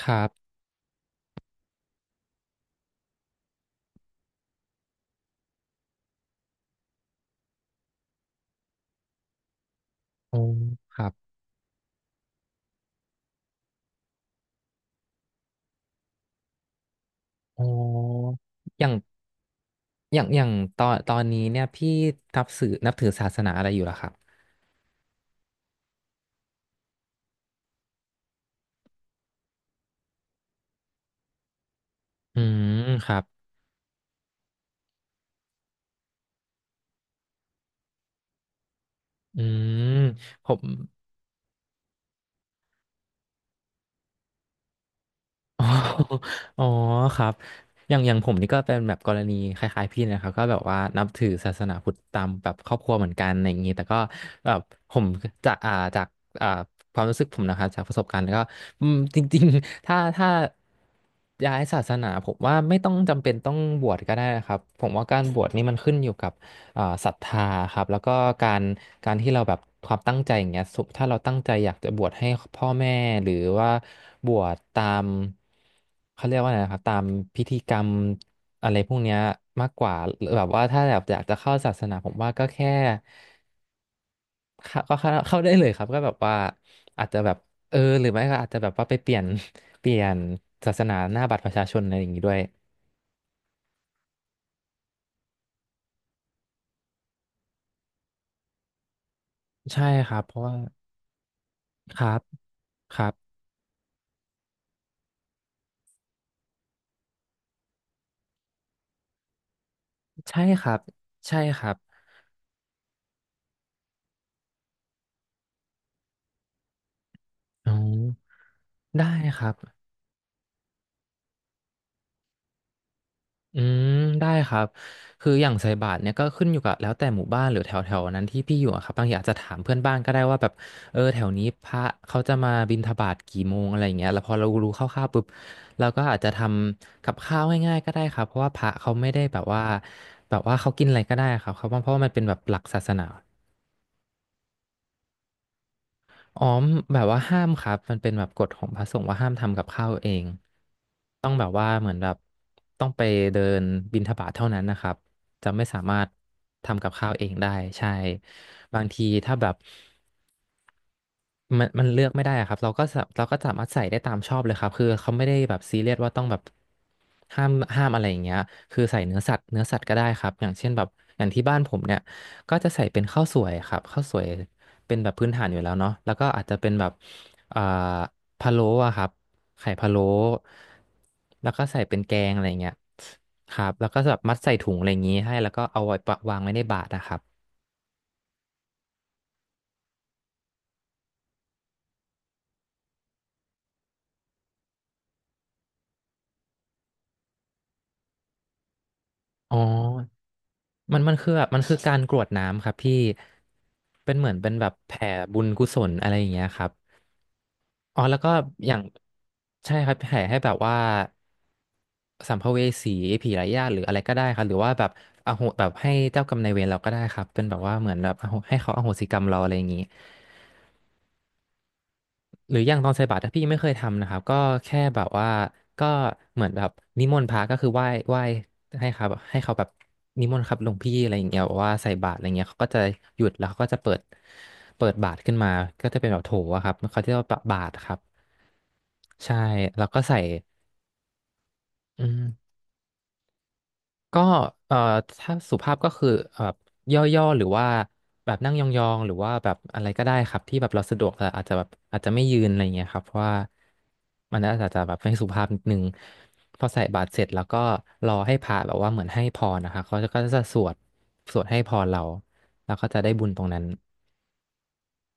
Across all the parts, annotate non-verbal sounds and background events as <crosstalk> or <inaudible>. ครับโอ้ครับโอ้อย่าง อย่าง ตอนนี้เนี่ย พี่นับถือศาสนาอะไรอยู่ล่ะครับอืมครับอืมผม อ๋ออ๋อครับอย่างผมนี่ก็เป็นแบบกรณีคล้ายๆพี่นะครับก็แบบว่านับถือศาสนาพุทธตามแบบครอบครัวเหมือนกันอะไรอย่างนี้แต่ก็แบบผมจากอ่าความรู้สึกผมนะครับจากประสบการณ์ก็อืมจริงๆถ้าย้ายศาสนาผมว่าไม่ต้องจำเป็นต้องบวชก็ได้นะครับผมว่าการบวชนี่มันขึ้นอยู่กับ ศรัทธาครับแล้วก็การการที่เราแบบความตั้งใจอย่างเงี้ยสมถ้าเราตั้งใจอยากจะบวชให้พ่อแม่หรือว่าบวชตามเขาเรียกว่าอะไรนะครับตามพิธีกรรมอะไรพวกเนี้ยมากกว่าหรือแบบว่าถ้าแบบอยากจะเข้าศาสนาผมว่าก็แค่เข้าได้เลยครับก็แบบว่าอาจจะแบบเออหรือไม่ก็อาจจะแบบว่าไปเปลี่ยนศาสนาหน้าบัตรประชาชนอะไรอย่างงี้ด้วยใช่ครับเพราะว่าครับครับใช่ครับใช่ครับอ๋อ ได้ครับอืมได้ครับคืออย่างใส่บาตรเนี่ยก็ขึ้นอยู่กับแล้วแต่หมู่บ้านหรือแถวแถวนั้นที่พี่อยู่อะครับบางทีอาจจะถามเพื่อนบ้านก็ได้ว่าแบบเออแถวนี้พระเขาจะมาบิณฑบาตกี่โมงอะไรอย่างเงี้ยแล้วพอเรารู้คร่าวๆปุ๊บเราก็อาจจะทำกับข้าวง่ายๆก็ได้ครับเพราะว่าพระเขาไม่ได้แบบว่าแบบว่าเขากินอะไรก็ได้ครับเขาเพราะว่ามันเป็นแบบหลักศาสนา อ๋อมแบบว่าห้ามครับ มันเป็นแบบกฎของพระสงฆ์ว่าห้ามทำกับข้าวเอง ต้องแบบว่าเหมือนแบบต้องไปเดินบิณฑบาตเท่านั้นนะครับ จะไม่สามารถทำกับข้าวเองได้ใช่ บางทีถ้าแบบ มันเลือกไม่ได้อะครับเราก็สามารถใส่ได้ตามชอบเลยครับคือเขาไม่ได้แบบซีเรียสว่าต้องแบบห้ามห้ามอะไรอย่างเงี้ยคือใส่เนื้อสัตว์ก็ได้ครับอย่างเช่นแบบอย่างที่บ้านผมเนี่ยก็จะใส่เป็นข้าวสวยครับข้าวสวยเป็นแบบพื้นฐานอยู่แล้วเนาะแล้วก็อาจจะเป็นแบบเอ่อพะโล้อะครับไข่พะโล้แล้วก็ใส่เป็นแกงอะไรเงี้ยครับแล้วก็แบบมัดใส่ถุงอะไรอย่างงี้ให้แล้วก็เอาไว้ปะวางไว้ในบาตรนะครับอ๋อ มันคือแบบมันคือการกรวดน้ำครับพี่เป็นเหมือนเป็นแบบแผ่บุญกุศลอะไรอย่างเงี้ยครับอ๋อแล้วก็อย่างใช่ครับแผ่ให้แบบว่าสัมภเวสีผีไร้ญาติหรืออะไรก็ได้ครับหรือว่าแบบอโหแบบให้เจ้ากรรมนายเวรเราก็ได้ครับเป็นแบบว่าเหมือนแบบอโหให้เขาอโหสิกรรมเราอะไรอย่างงี้ หรืออย่างตอนใส่บาตรถ้าพี่ไม่เคยทำนะครับก็แค่แบบว่าก็เหมือนแบบนิมนต์พระก็คือไหว้ให้ครับให้เขาแบบนิมนต์ครับหลวงพี่อะไรอย่างเงี้ยบอกว่าใส่บาตรอะไรเงี้ยเขาก็จะหยุดแล้วเขาก็จะเปิดบาตรขึ้นมาก็จะเป็นแบบโถอะครับเขาเรียกว่าบาตรครับใช่แล้วก็ใส่อืม ก็เอ่อถ้าสุภาพก็คือย่อๆหรือว่าแบบนั่งยองๆหรือว่าแบบอะไรก็ได้ครับที่แบบเราสะดวกแต่อาจจะแบบอาจจะไม่ยืนอะไรงเงี้ยครับเพราะว่ามันอาจจะแบบไม่สุภาพนิดนึงพอใส่บาตรเสร็จแล้วก็รอให้พระแบบว่าเหมือนให้พรนะคะเขาก็จะสวดให้พรเราแล้วก็จะได้บุญตรงนั้น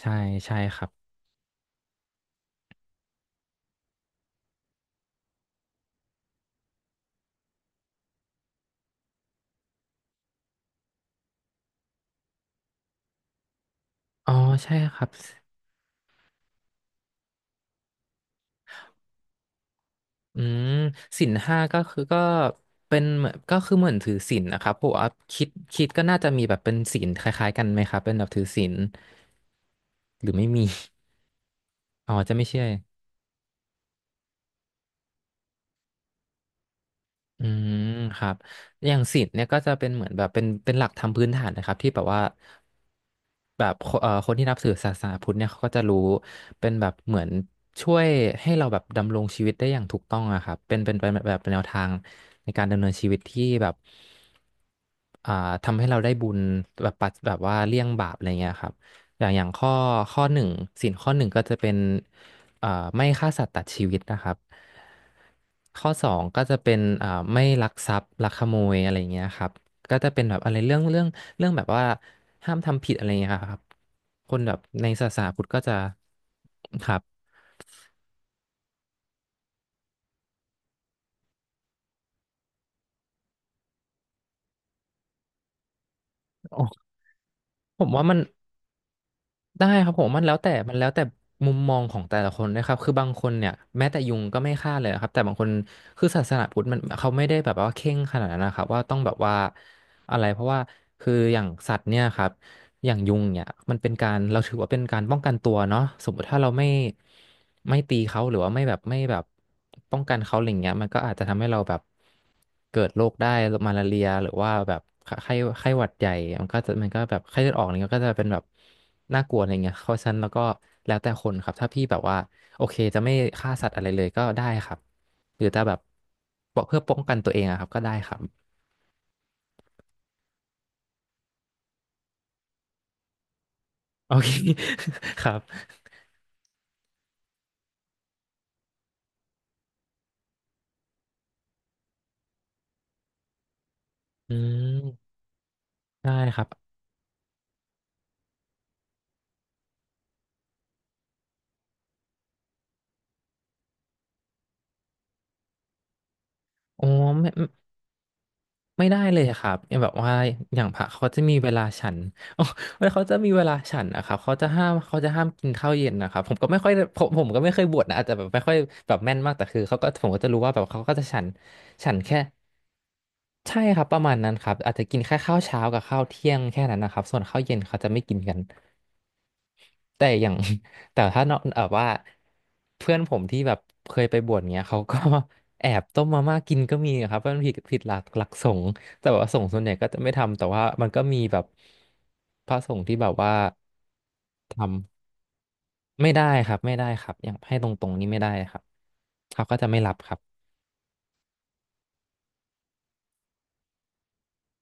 ใช่ใช่ครับอ๋อใช่ครับ อืมศีลห้าก็คือก็เป็นเหมือนก็คือเหมือนถือศีลนะครับผมว่าคิดคิดก็น่าจะมีแบบเป็นศีลคล้ายๆกันไหมครับเป็นแบบถือศีลหรือไม่มีอ๋อจะไม่ใช่อืมครับอย่างศีลเนี่ยก็จะเป็นเหมือนแบบเป็นหลักธรรมพื้นฐานนะครับที่แบบว่าแบบคเอ่อคนที่นับถือศาสนาพุทธเนี่ยเขาก็จะรู้เป็นแบบเหมือนช่วยให้เราแบบดำรงชีวิตได้อย่างถูกต้องอะครับเป็นแบบแนวทางในการดำเนินชีวิตที่แบบ อ่าทำให้เราได้บุญแบบปัดแบบว่าเลี่ยงบาปอะไรเงี้ยครับอย่างข้อหนึ่งศีลข้อหนึ่งก็จะเป็นอ่าไม่ฆ่าสัตว์ตัดชีวิตนะครับข้อสองก็จะเป็นไม่ลักทรัพย์ลักขโมยอะไรเงี้ยครับก็จะเป็นแบบอะไรเรื่องแบบว่าห้ามทำผิดอะไรเงี้ยครับคนแบบในศาสนาพุทธก็จะครับโอ้ผมว่ามัน ได้ครับผมมันแล้วแต่มุมมองของแต่ละคนนะครับคือบางคนเนี่ยแม้แต่ยุงก็ไม่ฆ่าเลยครับแต่บางคนคือศาสนาพุทธมันเขาไม่ได้แบบว่าเคร่งขนาดนั้นนะครับว่าต้องแบบว่าอะไรเพราะว่าคืออย่างสัตว์เนี่ยครับ อย่างยุงเนี่ยมันเป็นการเราถือว่าเป็นการป้องกันตัวเนาะสมมติถ้าเราไม่ตีเขาหรือว่าไม่แบบป้องกันเขาอะไรเงี้ยมันก็อาจจะทำให้เราแบบเกิดโรคได้มาลาเรียหรือว่าแบบไข้หวัดใหญ่มันก็แบบไข้เลือดออกอะไรเงี้ยก็จะเป็นแบบน่ากลัวอะไรเงี้ยเพราะฉะนั้นแล้วก็แล้วแต่คนครับถ้าพี่แบบว่าโอเคจะไม่ฆ่าสัตว์อะไรเลยก็ได้ครับหรือจะแบบเพื่อป้องกันตัวเองอะครับก็ได้ครับโอเค <laughs> ครับอืมได้ครับอ๋อไม่ ไม่ได้เลยครับอย่างแบบว่าอย่างพระเขาจะมีเวลาฉัน <laughs> อ๋อเวลาเขาจะมีเวลาฉันนะครับเขาจะห้ามกินข้าวเย็นนะครับผมก็ไม่เคยบวชนะอาจจะแบบไม่ค่อยแบบแม่นมากแต่คือเขาก็ผมก็จะรู้ว่าแบบเขาก็จะฉันแค่ใช่ครับประมาณนั้นครับอาจจะกินแค่ข้าวเช้ากับข้าวเที่ยงแค่นั้นนะครับส่วนข้าวเย็นเขาจะไม่กินกัน แต่อย่าง <laughs> แต่ถ้าเนาะแบบว่าเพื่อนผมที่แบบเคยไปบวชเงี้ยเขาก็ <laughs> แอบต้มมาม่ากินก็มีครับเพราะมันผิดหลักสงฆ์แต่ว่าสงฆ์ส่วนใหญ่ก็จะไม่ทำแต่ว่ามันก็มีแบบพระสงฆ์ที่แบบว่าทำไม่ได้ครับไม่ได้ครับอย่างให้ตรงๆนี่ไม่ได้ครับเขาก็จะไม่รับครับ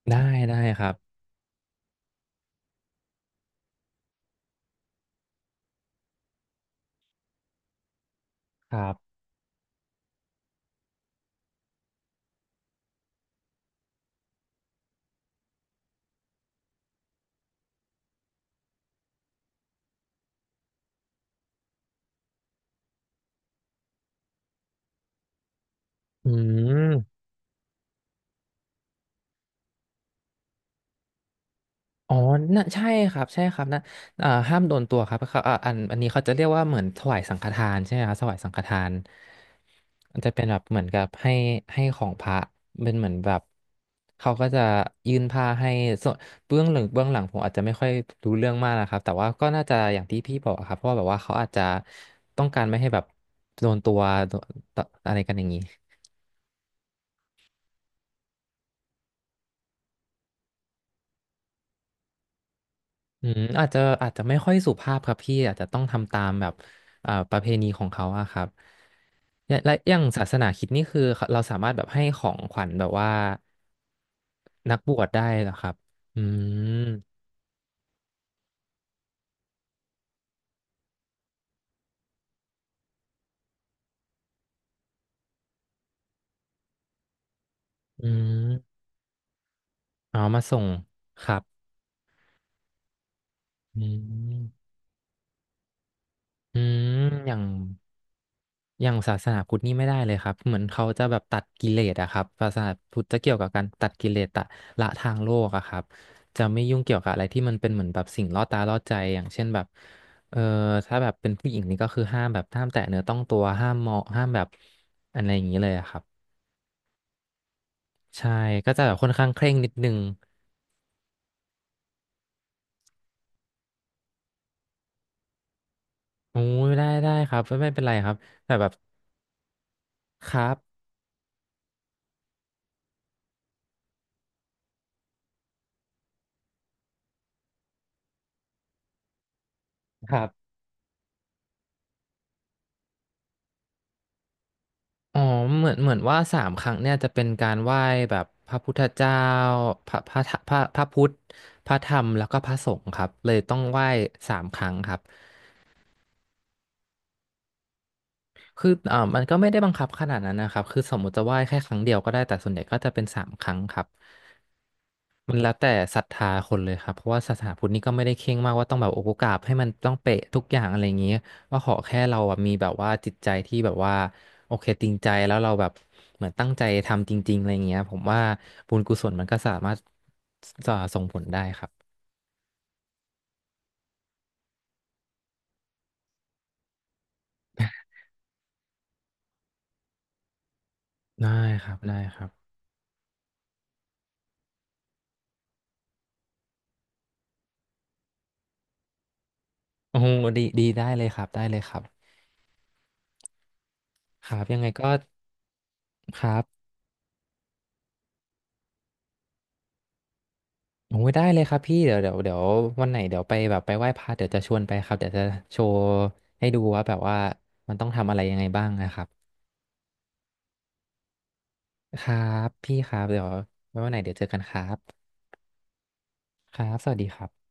ได้ได้ครับครับอืม อ๋อน่ะใช่ครับใช่ครับนะเอ่าห้ามโดนตัวครับเขาอันนี้เขาจะเรียกว่าเหมือนถวายสังฆทานใช่ไหมครับถวายสังฆทานมันจะเป็นแบบเหมือนกับให้ของพระเป็นเหมือนแบบเขาก็จะยื่นผ้าให้ส่วนเบื้องหลังผมอาจจะไม่ค่อยรู้เรื่องมากนะครับแต่ว่าก็น่าจะอย่างที่พี่บอกอะครับเพราะว่าแบบว่าเขาอาจจะต้องการไม่ให้แบบโดนตัวโดนตอะไรกันอย่างนี้อาจจะไม่ค่อยสุภาพครับพี่อาจจะต้องทำตามแบบประเพณีของเขาอะครับ และอย่างศาสนาคริดนี่คือเเราสามารถแบบให้ของขวัญแบบว่านักบวชได้เหรอครับอืมอืมเอามาส่งครับอืมอืมอย่าง อย่างศาสนาพุทธนี่ไม่ได้เลยครับเหมือนเขาจะแบบตัดกิเลสอะครับศาสนาพุทธจะเกี่ยวกับการตัดกิเลสตะละทางโลกอะครับจะไม่ยุ่งเกี่ยวกับอะไรที่มันเป็นเหมือนแบบสิ่งล่อตาล่อใจอย่างเช่นแบบเออถ้าแบบเป็นผู้หญิงนี่ก็คือห้ามแบบห้ามแตะเนื้อต้องตัวห้ามเหมาะห้ามแบบอะไรอย่างนี้เลยอะครับใช่ก็จะแบบค่อนข้างเคร่งนิดนึงโอ้ยได้ได้ครับไม่ไม่เป็นไรครับแต่แบบครับครับ อ๋อเหมือนว่าสามครั้งเนี่ยจะเป็นการไหว้แบบพระพุทธเจ้าพระพระพระพุทธ พระธรรมแล้วก็พระสงฆ์ครับเลยต้องไหว้สามครั้งครับ คือมันก็ไม่ได้บังคับขนาดนั้นนะครับคือสมมติจะไหว้แค่ครั้งเดียวก็ได้แต่ส่วนใหญ่ก็จะเป็นสามครั้งครับมันแล้วแต่ศรัทธาคนเลยครับเพราะว่าศาสนาพุทธนี่ก็ไม่ได้เคร่งมากว่าต้องแบบโอโหกราบให้มันต้องเป๊ะทุกอย่างอะไรอย่างเงี้ยว่าขอแค่เราอะมีแบบว่าจิตใจที่แบบว่าโอเคจริงใจแล้วเราแบบเหมือนตั้งใจทำจริงๆอะไรอย่างเงี้ยผมว่าบุญกุศลมันก็สามารถส่งผลได้ครับได้ครับได้ครับโอ้โหดีดีได้เลยครับได้เลยครับครับยังไงก็ครับ โอ้ยได้เลยครับพี่เดี๋ยวเดี๋ยวเดี๋ยววันไหนเดี๋ยวไปแบบไปไหว้พระเดี๋ยวจะชวนไปครับเดี๋ยวจะโชว์ให้ดูว่าแบบว่ามันต้องทำอะไรยังไงบ้างนะครับครับพี่ครับเดี๋ยวไว้วันไหนเดี๋ยวเจอกันครับครับสวัสดีครับ